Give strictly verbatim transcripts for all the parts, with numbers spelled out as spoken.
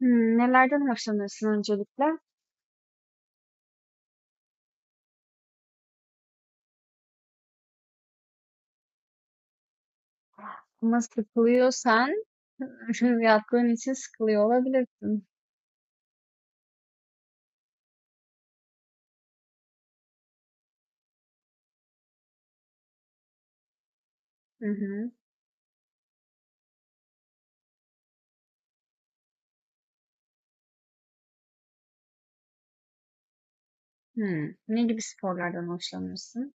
Hımm, nelerden hoşlanırsın öncelikle? Ama sıkılıyorsan yattığın için sıkılıyor olabilirsin. Hı hı. Hımm. Ne gibi sporlardan hoşlanırsın?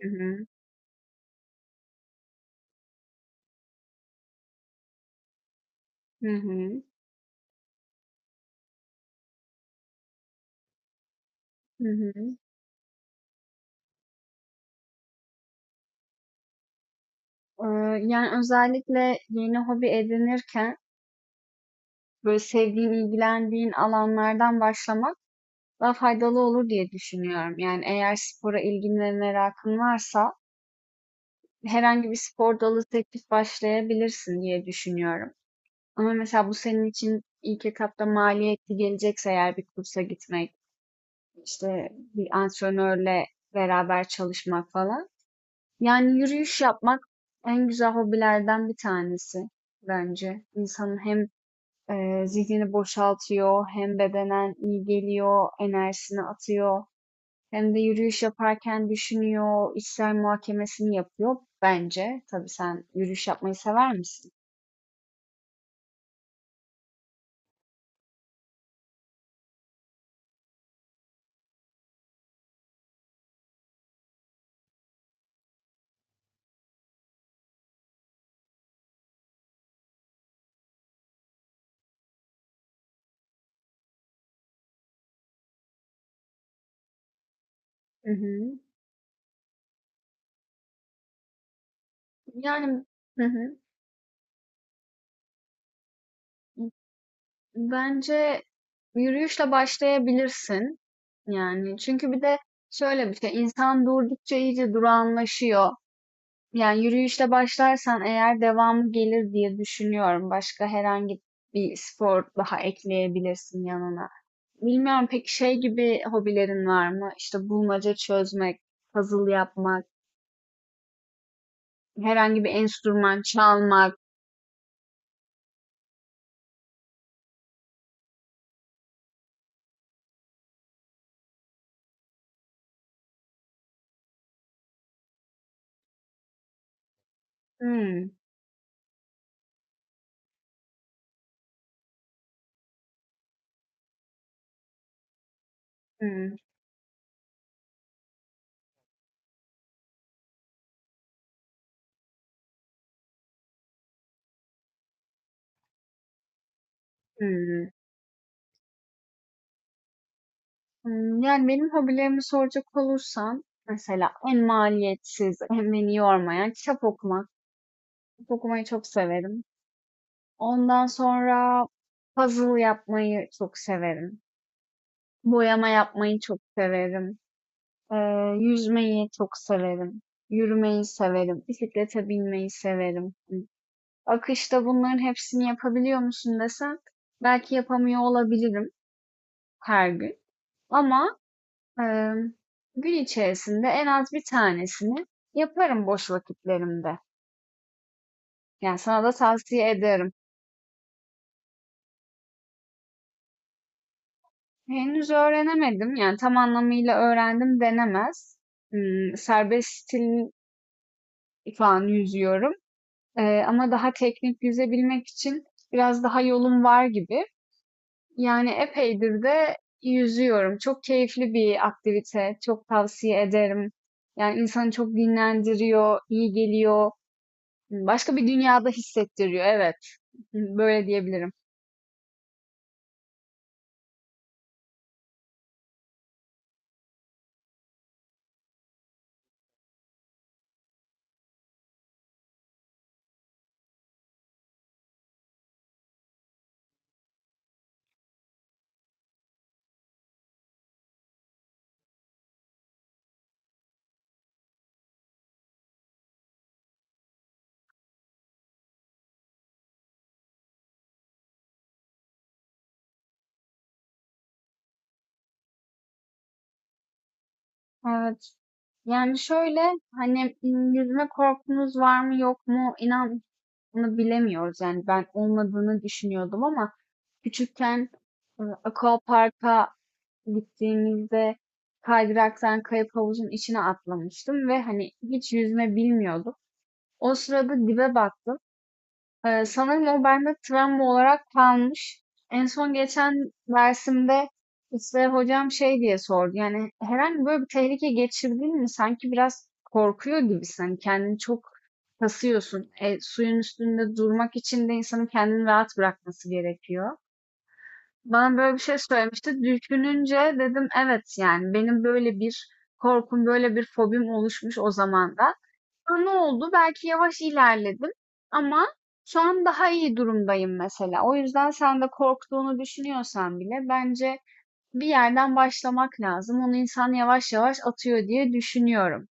Hı hı. Hı hı. Hı hı. Eee, yani, özellikle yeni hobi edinirken, böyle, sevdiğin, ilgilendiğin alanlardan başlamak daha faydalı olur diye düşünüyorum. Yani, eğer spora ilgin ve merakın varsa herhangi bir spor dalı seçip başlayabilirsin diye düşünüyorum. Ama mesela bu senin için ilk etapta maliyetli gelecekse eğer bir kursa gitmek, işte bir antrenörle beraber çalışmak falan. Yani yürüyüş yapmak en güzel hobilerden bir tanesi bence. İnsanın hem e, zihnini boşaltıyor, hem bedenen iyi geliyor, enerjisini atıyor. Hem de yürüyüş yaparken düşünüyor, içsel muhakemesini yapıyor bence. Tabii sen yürüyüş yapmayı sever misin? Hı hı. Yani, hı hı. Bence yürüyüşle başlayabilirsin. Yani çünkü bir de şöyle bir şey, insan durdukça iyice durağanlaşıyor. Yani yürüyüşle başlarsan eğer devamı gelir diye düşünüyorum. Başka herhangi bir spor daha ekleyebilirsin yanına. Bilmiyorum peki şey gibi hobilerin var mı? İşte bulmaca çözmek, puzzle yapmak, herhangi bir enstrüman çalmak. Hmm, hmm, hmm. Hımm, yani, benim hobilerimi soracak olursan mesela en maliyetsiz en beni yormayan kitap okumak. Kitap okumayı çok severim. Ondan sonra puzzle yapmayı çok severim. Boyama yapmayı çok severim. Eee, yüzmeyi çok severim. Yürümeyi severim. Bisiklete binmeyi severim. akışta bunların hepsini yapabiliyor musun desen belki yapamıyor olabilirim her gün ama, Emm, gün içerisinde en az bir tanesini yaparım boş vakitlerimde. Yani, sana da tavsiye ederim. Henüz öğrenemedim, yani, tam anlamıyla öğrendim denemez. Imm, serbest stil şu an yüzüyorum, eee, ama daha teknik yüzebilmek için biraz daha yolum var gibi. Yani, epeydir de yüzüyorum. Çok keyifli bir aktivite, çok tavsiye ederim. Yani, insanı çok dinlendiriyor, iyi geliyor. Başka bir dünyada hissettiriyor. Evet. Böyle diyebilirim. Evet. Yani şöyle hani m, yüzme korkunuz var mı yok mu inan bunu bilemiyoruz. Yani ben olmadığını düşünüyordum ama küçükken e, Aquapark'a gittiğimizde kaydıraktan kayıp havuzun içine atlamıştım ve hani hiç yüzme bilmiyordum. O sırada dibe baktım. Eee, sanırım o bende travma olarak kalmış. En son geçen dersimde işte hocam şey diye sordu. Yani herhangi böyle bir tehlike geçirdin mi? Sanki biraz korkuyor gibisin. Hani kendini çok kasıyorsun. E, suyun üstünde durmak için de insanın kendini rahat bırakması gerekiyor. Bana böyle bir şey söylemişti. Düşününce dedim evet yani benim böyle bir korkum, böyle bir fobim oluşmuş o zaman da ne oldu? Belki yavaş ilerledim ama şu an daha iyi durumdayım mesela. O yüzden sen de korktuğunu düşünüyorsan bile bence bir yerden başlamak lazım. Onu insan yavaş yavaş atıyor diye düşünüyorum.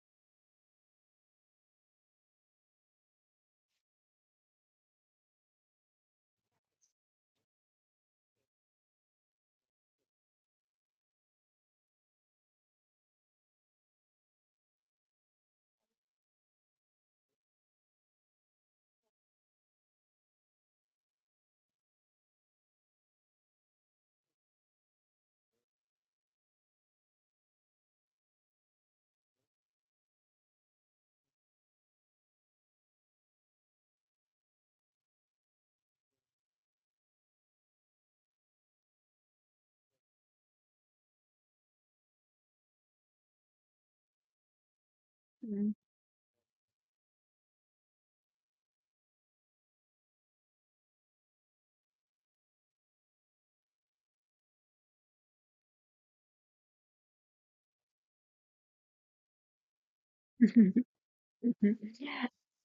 Hı.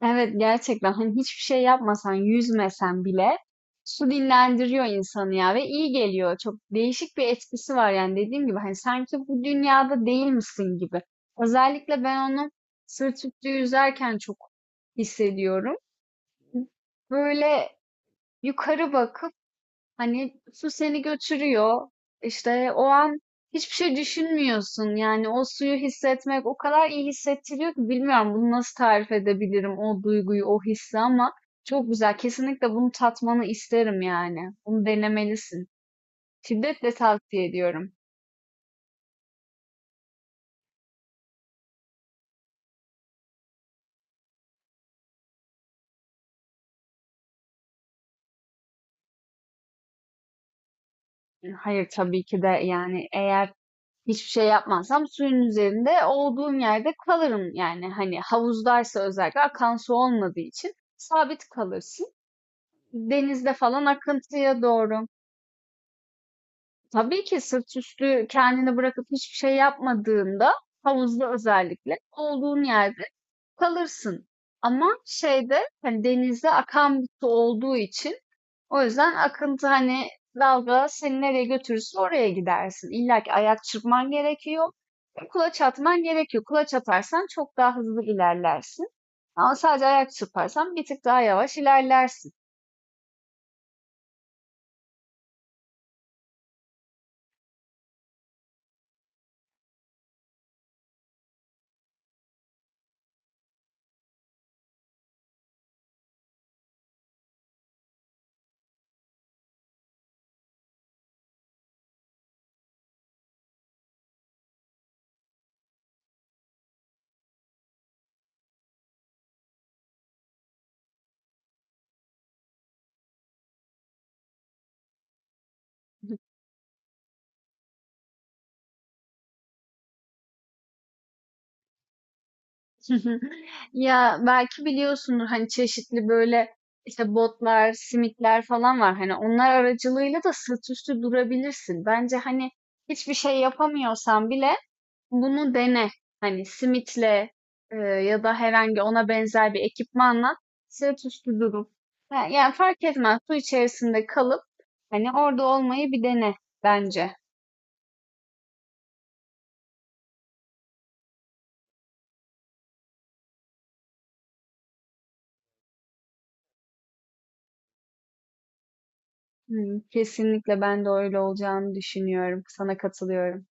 Evet gerçekten hani hiçbir şey yapmasan, yüzmesen bile su dinlendiriyor insanı ya ve iyi geliyor. Çok değişik bir etkisi var yani dediğim gibi hani sanki bu dünyada değil misin gibi. Özellikle ben onu sırt üstü yüzerken çok hissediyorum. Böyle yukarı bakıp Hani su seni götürüyor. İşte o an hiçbir şey düşünmüyorsun. Yani o suyu hissetmek o kadar iyi hissettiriyor ki bilmiyorum bunu nasıl tarif edebilirim o duyguyu, o hissi ama çok güzel. Kesinlikle bunu tatmanı isterim yani. Bunu denemelisin. Şiddetle tavsiye ediyorum. Hayır tabii ki de yani eğer hiçbir şey yapmazsam suyun üzerinde olduğum yerde kalırım yani hani havuzdaysa özellikle akan su olmadığı için sabit kalırsın. Denizde falan akıntıya doğru. Tabii ki sırt üstü kendini bırakıp hiçbir şey yapmadığında havuzda özellikle olduğun yerde kalırsın. Ama şeyde hani denizde akan bir su olduğu için o yüzden akıntı hani dalga seni nereye götürürse oraya gidersin. İlla ki ayak çırpman gerekiyor. Kulaç atman gerekiyor. Kulaç atarsan çok daha hızlı ilerlersin. Ama sadece ayak çırparsan bir tık daha yavaş ilerlersin. Hı hı. Ya belki biliyorsundur hani çeşitli böyle işte botlar, simitler falan var. Hani onlar aracılığıyla da sırt üstü durabilirsin. Bence hani hiçbir şey yapamıyorsan bile bunu dene. Hani simitle e, ya da herhangi ona benzer bir ekipmanla sırt üstü durup yani, yani fark etmez su içerisinde kalıp hani orada olmayı bir dene bence. Hı, kesinlikle ben de öyle olacağını düşünüyorum. Sana katılıyorum.